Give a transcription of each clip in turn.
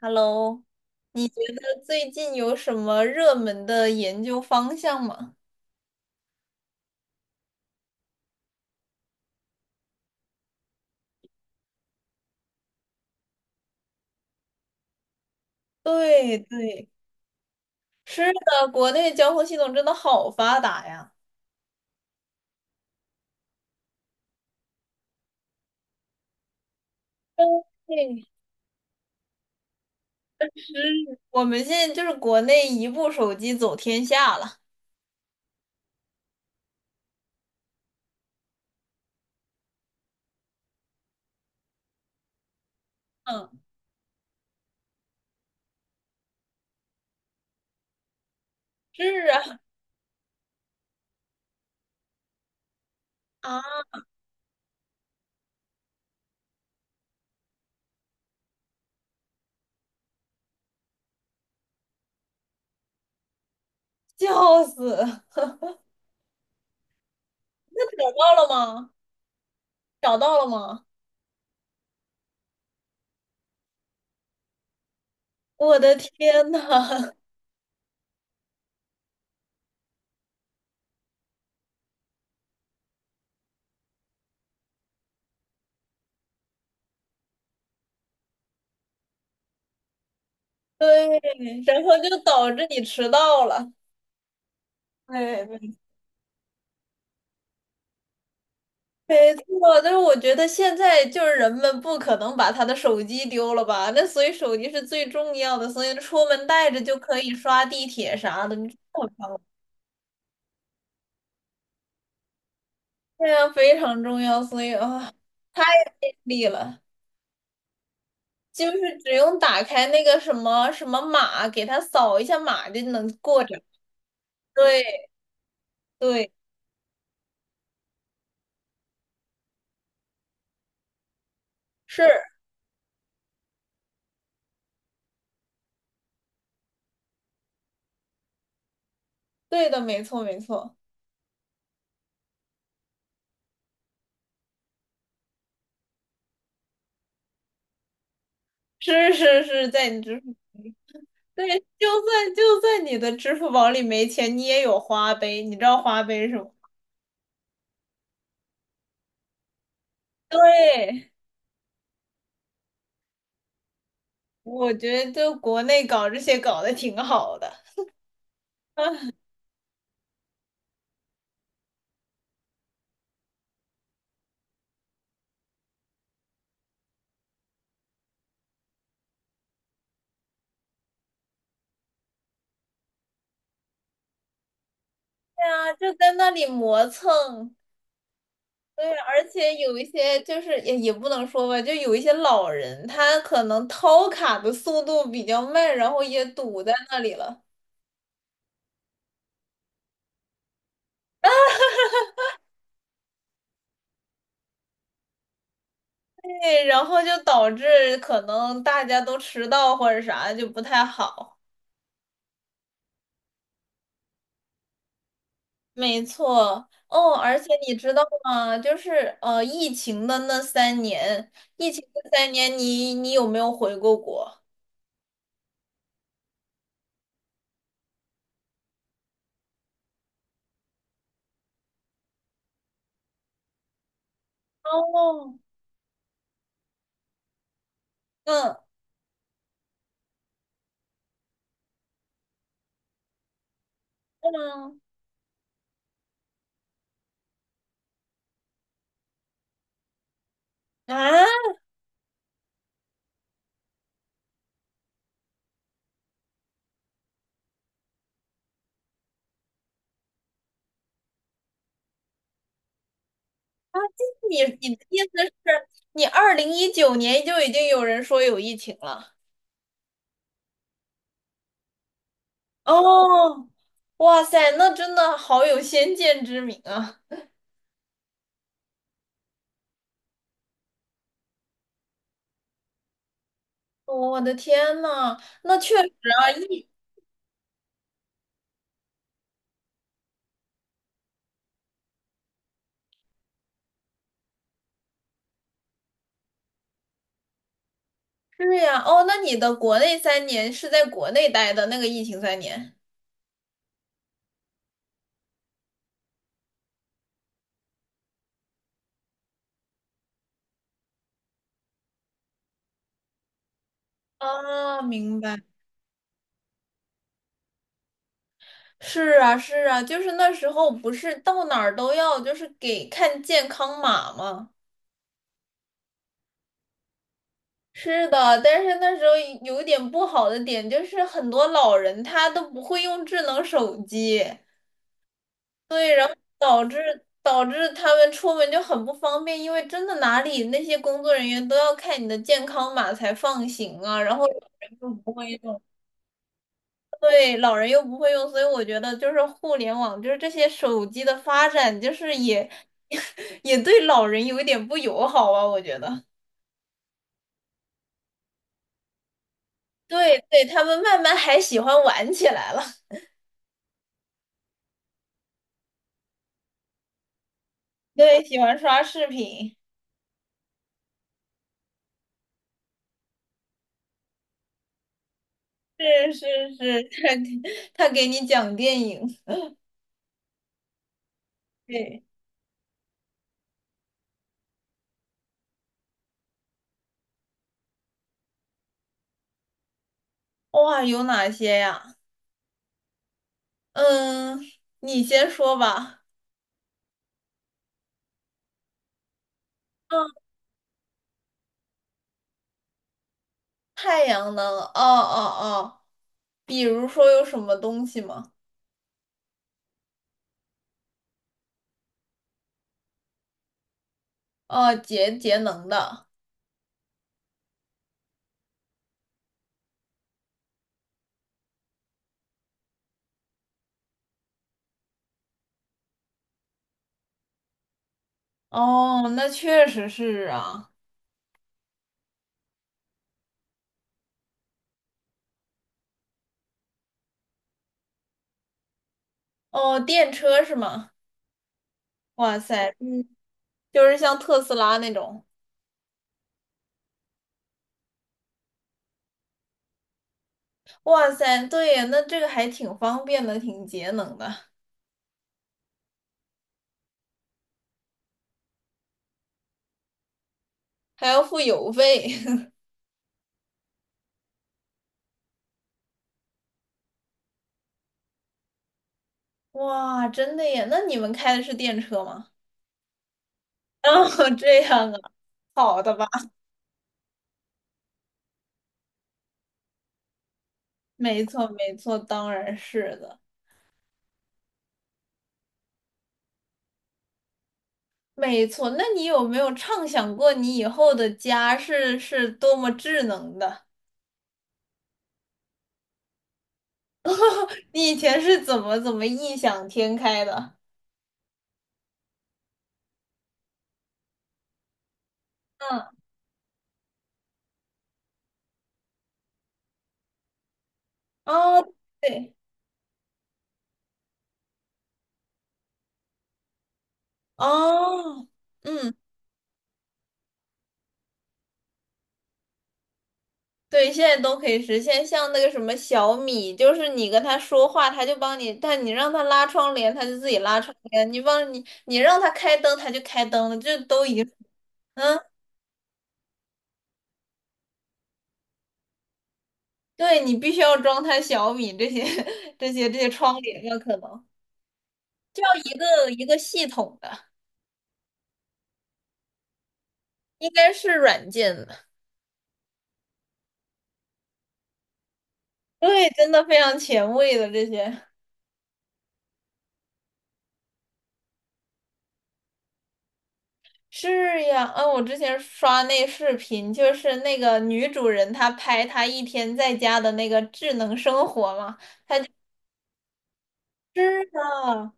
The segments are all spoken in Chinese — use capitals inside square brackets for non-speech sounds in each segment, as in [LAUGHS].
Hello,最近有什么热门的研究方向吗？对对，是的，国内交通系统真的好发达呀。对，是，我们现在就是国内一部手机走天下了。嗯，是啊，啊，笑死！那找到了吗？找到了吗？我的天呐，[LAUGHS] 对，然后就导致你迟到了。对，没错，但是我觉得现在就是人们不可能把他的手机丢了吧？那所以手机是最重要的，所以出门带着就可以刷地铁啥的，你知道吗？这样非常重要，所以啊，太利了，就是只用打开那个什么什么码，给他扫一下码就能过着。对对，是对的，没错没错，是是是在你支付。对，就算就算你的支付宝里没钱，你也有花呗，你知道花呗是吗？对，我觉得就国内搞这些搞得挺好的。啊对啊，就在那里磨蹭。对，而且有一些就是也也不能说吧，就有一些老人，他可能掏卡的速度比较慢，然后也堵在那里了。对，然后就导致可能大家都迟到或者啥就不太好。没错，哦，而且你知道吗？就是疫情的那三年，疫情的三年你，你有没有回过国？哦，嗯嗯啊，你你的意思是，你2019年就已经有人说有疫情了？哦，哇塞，那真的好有先见之明啊！哦我的天呐，那确实啊，疫是呀，哦，那你的国内三年是在国内待的那个疫情三年啊，明白。是啊，是啊，就是那时候不是到哪儿都要就是给看健康码吗？是的，但是那时候有一点不好的点就是很多老人他都不会用智能手机，对，然后导致他们出门就很不方便，因为真的哪里那些工作人员都要看你的健康码才放行啊，然后老人又不会用，对，老人又不会用，所以我觉得就是互联网就是这些手机的发展，就是也 [LAUGHS] 也对老人有一点不友好啊，我觉得，对对，他们慢慢还喜欢玩起来了。对，喜欢刷视频，是是是，他给你讲电影，对，哇，有哪些呀？嗯，你先说吧。嗯，太阳能，哦哦哦，比如说有什么东西吗？哦，节节能的，哦，那确实是啊。哦，电车是吗？哇塞，嗯，就是像特斯拉那种。哇塞，对呀，那这个还挺方便的，挺节能的，还要付邮费。[LAUGHS] 哇，真的耶！那你们开的是电车吗？[LAUGHS] 哦，这样啊，好的吧，没错，没错，当然是的，没错。那你有没有畅想过你以后的家是是多么智能的？你以前是怎么怎么异想天开的？嗯，哦，对，哦，嗯对，现在都可以实现。像那个什么小米，就是你跟他说话，他就帮你；但你让他拉窗帘，他就自己拉窗帘；你帮你，你让他开灯，他就开灯了，这都已经，嗯，对你必须要装他小米这些、[LAUGHS] 这些、这些窗帘了，可能就要一个一个系统的，应该是软件的。对，真的非常前卫的这些。是呀，嗯，我之前刷那视频，就是那个女主人她拍她一天在家的那个智能生活嘛。啊，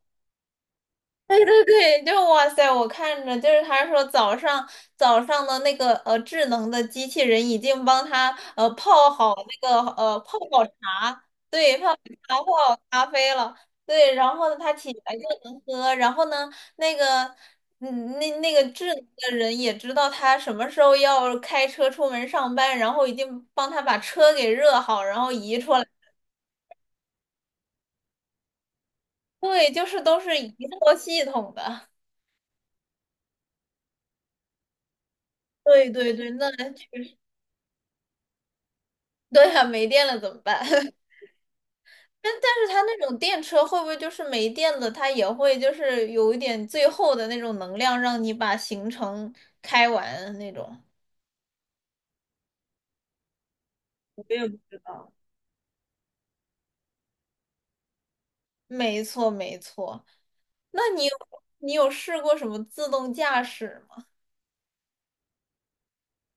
对对对，就哇塞！我看着就是他说早上的那个智能的机器人已经帮他泡好那个泡好茶，对，泡好茶咖啡了，对，然后呢他起来就能喝，然后呢那个嗯那智能的人也知道他什么时候要开车出门上班，然后已经帮他把车给热好，然后移出来，对，就是都是一套系统的。[LAUGHS] 对对对，那确实 [LAUGHS] 对呀、没电了怎么办？[LAUGHS] 但是它那种电车会不会就是没电了，它也会就是有一点最后的那种能量，让你把行程开完那种？我也不知道。没错，没错。那你有试过什么自动驾驶吗？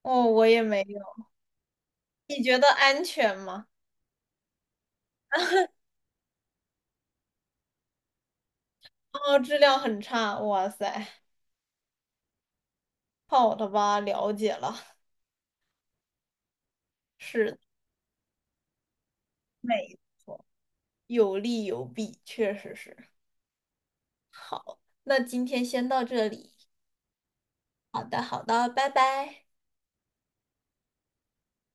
哦，我也没有。你觉得安全吗？哦，质量很差。哇塞，好的吧，了解了。是的，没错，有利有弊，确实是。好，那今天先到这里。好的，好的，拜拜。